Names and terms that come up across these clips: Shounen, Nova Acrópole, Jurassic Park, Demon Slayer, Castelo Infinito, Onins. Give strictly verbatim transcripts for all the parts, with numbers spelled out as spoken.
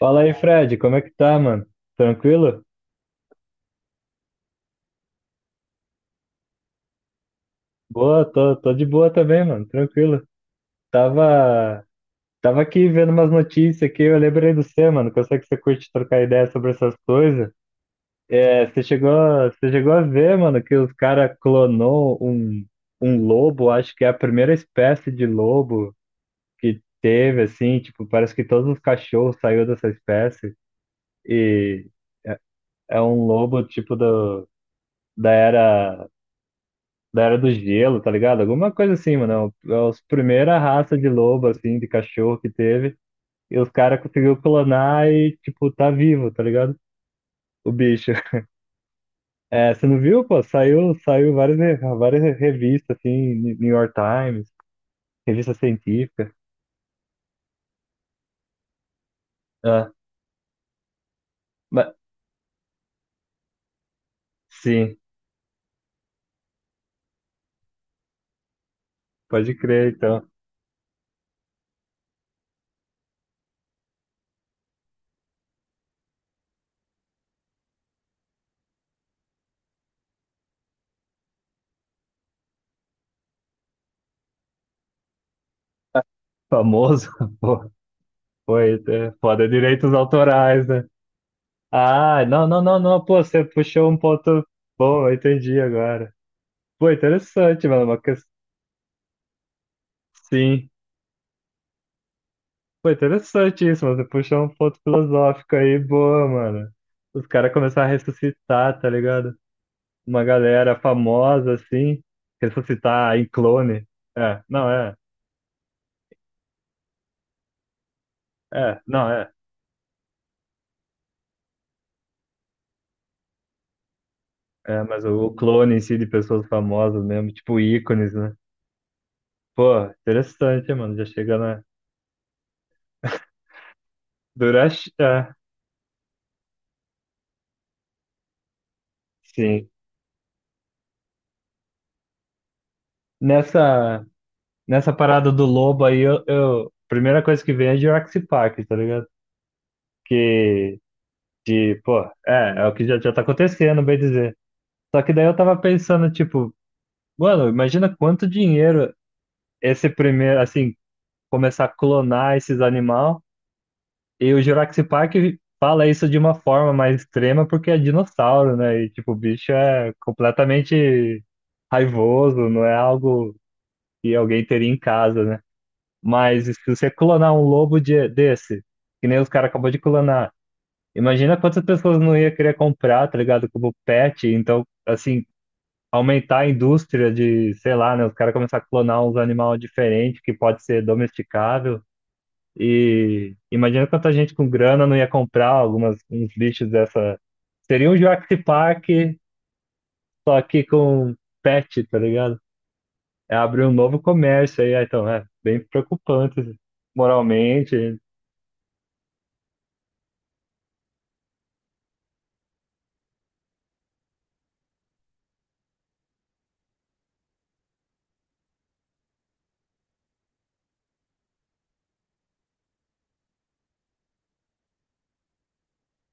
Fala aí, Fred, como é que tá, mano? Tranquilo? Boa, tô, tô de boa também, mano, tranquilo. Tava, tava aqui vendo umas notícias aqui, eu lembrei do você, mano, que eu sei que você curte trocar ideia sobre essas coisas. É, você chegou, você chegou a ver, mano, que os caras clonou um, um lobo, acho que é a primeira espécie de lobo que teve, assim, tipo, parece que todos os cachorros saiu dessa espécie e é um lobo, tipo, do, da era da Era do Gelo, tá ligado? Alguma coisa assim, mano. É a primeira raça de lobo, assim, de cachorro que teve. E os caras conseguiu clonar e, tipo, tá vivo, tá ligado? O bicho. É, você não viu, pô? Saiu, saiu várias, re- várias re- revistas, assim, New York Times, revista científica. Ah, mas, sim, pode crer, então. Famoso, pô. Foi, é, foda, é direitos autorais, né? Ah, não, não, não, não, pô, você puxou um ponto bom, eu entendi agora. Pô, interessante, mano. Uma Sim. Pô, interessante isso, mano. Você puxou um ponto filosófico aí, boa, mano. Os caras começaram a ressuscitar, tá ligado? Uma galera famosa, assim, ressuscitar em clone. É, não, é, é, não, é. É, mas o o clone em si de pessoas famosas mesmo, tipo ícones, né? Pô, interessante, mano. Já chega na. Durante. É, sim. Nessa, nessa parada do lobo aí, eu, eu- a primeira coisa que vem é Jurassic Park, tá ligado? Que De, pô, é, é o que já, já tá acontecendo, bem dizer. Só que daí eu tava pensando, tipo, mano, imagina quanto dinheiro esse primeiro, assim, começar a clonar esses animais. E o Jurassic Park fala isso de uma forma mais extrema porque é dinossauro, né? E, tipo, o bicho é completamente raivoso, não é algo que alguém teria em casa, né? Mas se você clonar um lobo de, desse, que nem os caras acabou de clonar, imagina quantas pessoas não ia querer comprar, tá ligado? Como pet. Então, assim, aumentar a indústria de, sei lá, né? Os caras começar a clonar uns animais diferentes que pode ser domesticável. E imagina quanta gente com grana não ia comprar algumas, uns bichos dessa. Seria um Jurassic Park, só que com pet, tá ligado? É abrir um novo comércio aí. Ah, então, é bem preocupante moralmente.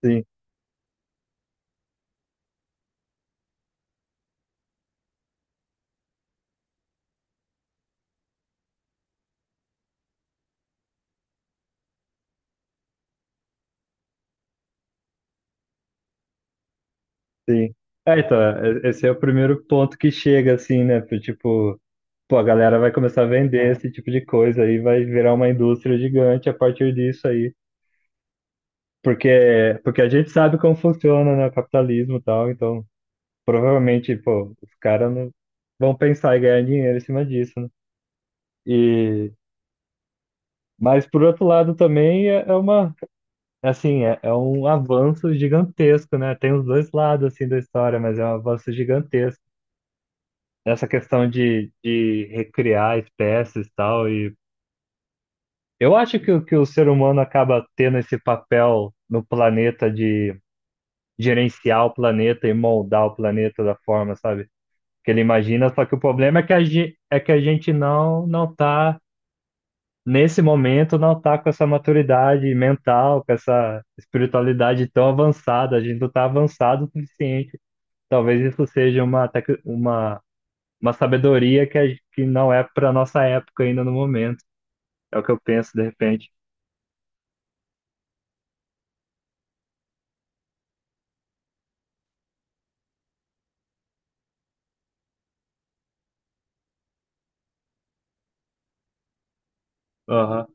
Sim, sim. É, então, é- esse é o primeiro ponto que chega, assim, né? Tipo, pô, a galera vai começar a vender esse tipo de coisa aí, vai virar uma indústria gigante a partir disso aí. Porque, porque a gente sabe como funciona, né, o capitalismo e tal, então provavelmente, pô, os caras não vão pensar em ganhar dinheiro em cima disso, né? E, mas por outro lado também é, é uma, assim, é, é um avanço gigantesco, né? Tem os dois lados, assim, da história, mas é um avanço gigantesco. Essa questão de, de, recriar espécies e tal, e eu acho que, o- que o ser humano acaba tendo esse papel no planeta de gerenciar o planeta e moldar o planeta da forma, sabe? Que ele imagina, só que o problema é que a, ge- é que a gente não não tá nesse momento, não tá com essa maturidade mental, com essa espiritualidade tão avançada, a gente não tá avançado o suficiente. Talvez isso seja uma tec- uma uma sabedoria que a- que não é para nossa época ainda no momento. É o que eu penso de repente. Aham,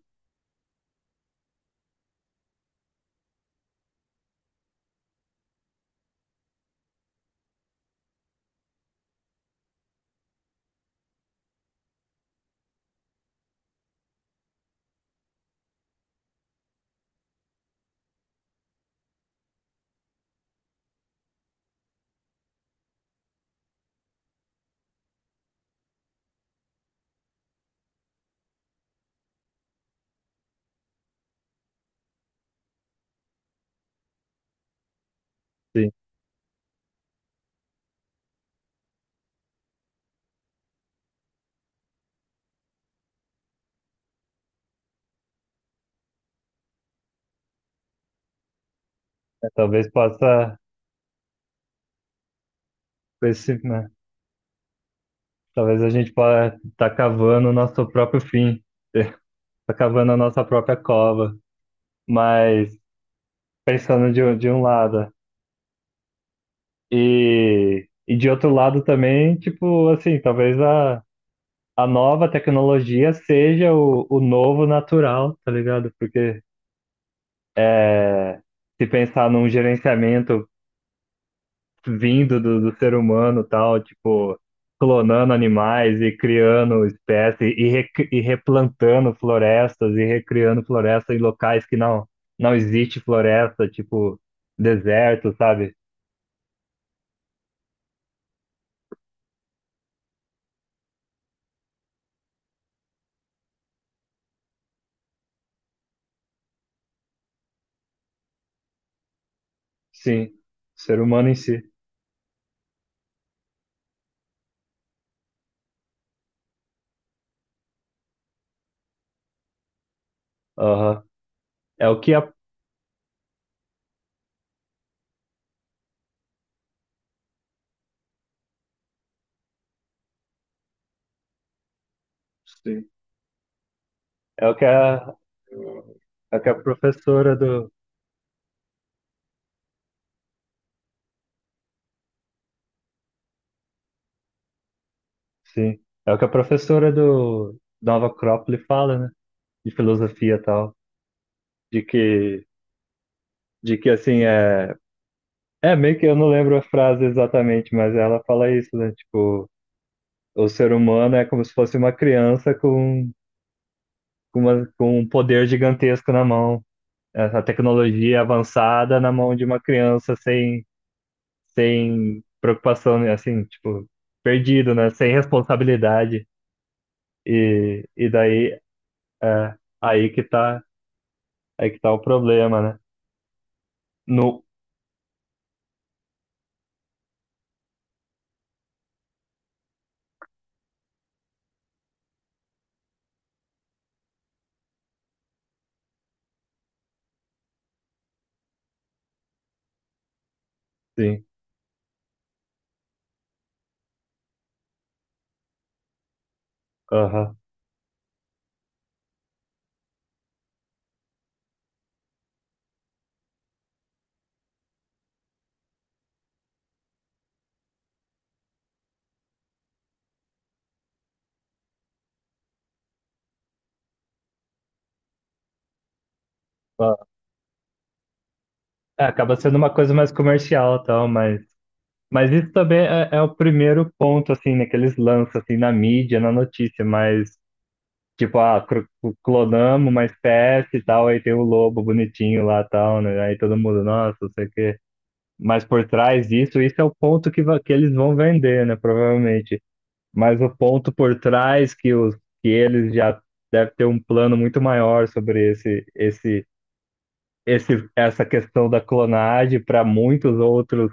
sim. É, talvez possa, esse, né? Talvez a gente possa estar cavando o nosso próprio fim, tá cavando a nossa própria cova, mas pensando de, um- de um lado, né? E, e de outro lado também, tipo, assim, talvez a, a nova tecnologia seja o, o novo natural, tá ligado? Porque é, se pensar num gerenciamento vindo do, do ser humano, tal, tipo, clonando animais e criando espécies e, rec- e replantando florestas e recriando florestas em locais que não, não existe floresta, tipo, deserto, sabe? Sim, ser humano em si. Aham. É o que a, Sim. é o que a, é o que a professora do, sim, é o que a professora do Nova Acrópole fala, né? De filosofia e tal, de que, de que assim, é É, meio que eu não lembro a frase exatamente, mas ela fala isso, né? Tipo, o ser humano é como se fosse uma criança com, com, uma- com um poder gigantesco na mão. Essa tecnologia avançada na mão de uma criança sem, sem preocupação, né? Assim, tipo, perdido, né? Sem responsabilidade. E, e daí, é, aí que tá, aí que tá o problema, né? No, sim, aham. É, acaba sendo uma coisa mais comercial, tal, mas Mas isso também é, é o primeiro ponto, assim, né, que eles lançam, assim, na mídia, na notícia, mas, tipo, ah, cro- clonamos uma espécie e tal, aí tem o lobo bonitinho lá e tal, né, aí todo mundo, nossa, não sei o quê. Mas por trás disso, isso é o ponto que, va- que eles vão vender, né, provavelmente. Mas o ponto por trás que, os, que eles já devem ter um plano muito maior sobre esse, esse, esse, essa questão da clonagem para muitos outros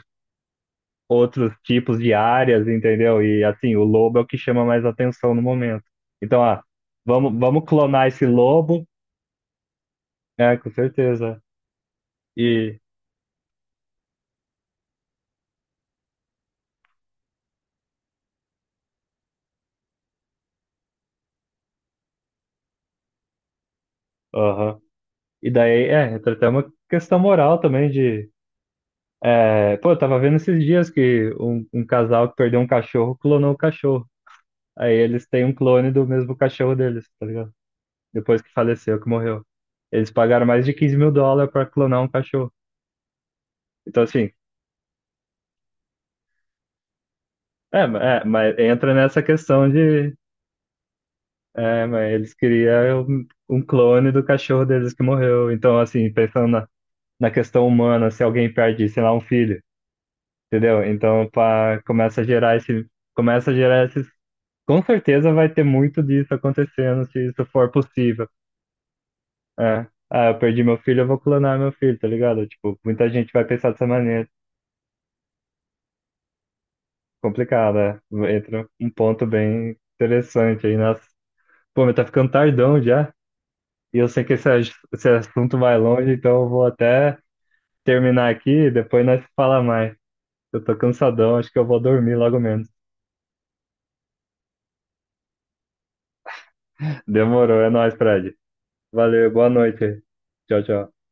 outros tipos de áreas, entendeu? E assim, o lobo é o que chama mais atenção no momento. Então, ah, vamos, vamos clonar esse lobo, é, com certeza. E, aham. E daí, é, entra até uma questão moral também de. É, pô, eu tava vendo esses dias que um, um casal que perdeu um cachorro clonou o cachorro. Aí eles têm um clone do mesmo cachorro deles, tá ligado? Depois que faleceu, que morreu. Eles pagaram mais de quinze mil dólares pra clonar um cachorro. Então, assim, é, é, mas entra nessa questão de, é, mas eles queriam um um clone do cachorro deles que morreu. Então, assim, pensando na, na questão humana, se alguém perde, sei lá, um filho, entendeu? Então, pá, começa a gerar esse, começa a gerar esses, com certeza vai ter muito disso acontecendo, se isso for possível. É. Ah, eu perdi meu filho, eu vou clonar meu filho, tá ligado? Tipo, muita gente vai pensar dessa maneira. Complicado, é. Entra um ponto bem interessante aí. Nossa, pô, mas tá ficando tardão já. E eu sei que esse, esse assunto vai longe, então eu vou até terminar aqui, depois nós fala mais. Eu tô cansadão, acho que eu vou dormir logo menos. Demorou, é nóis, Fred. Valeu, boa noite. Tchau, tchau.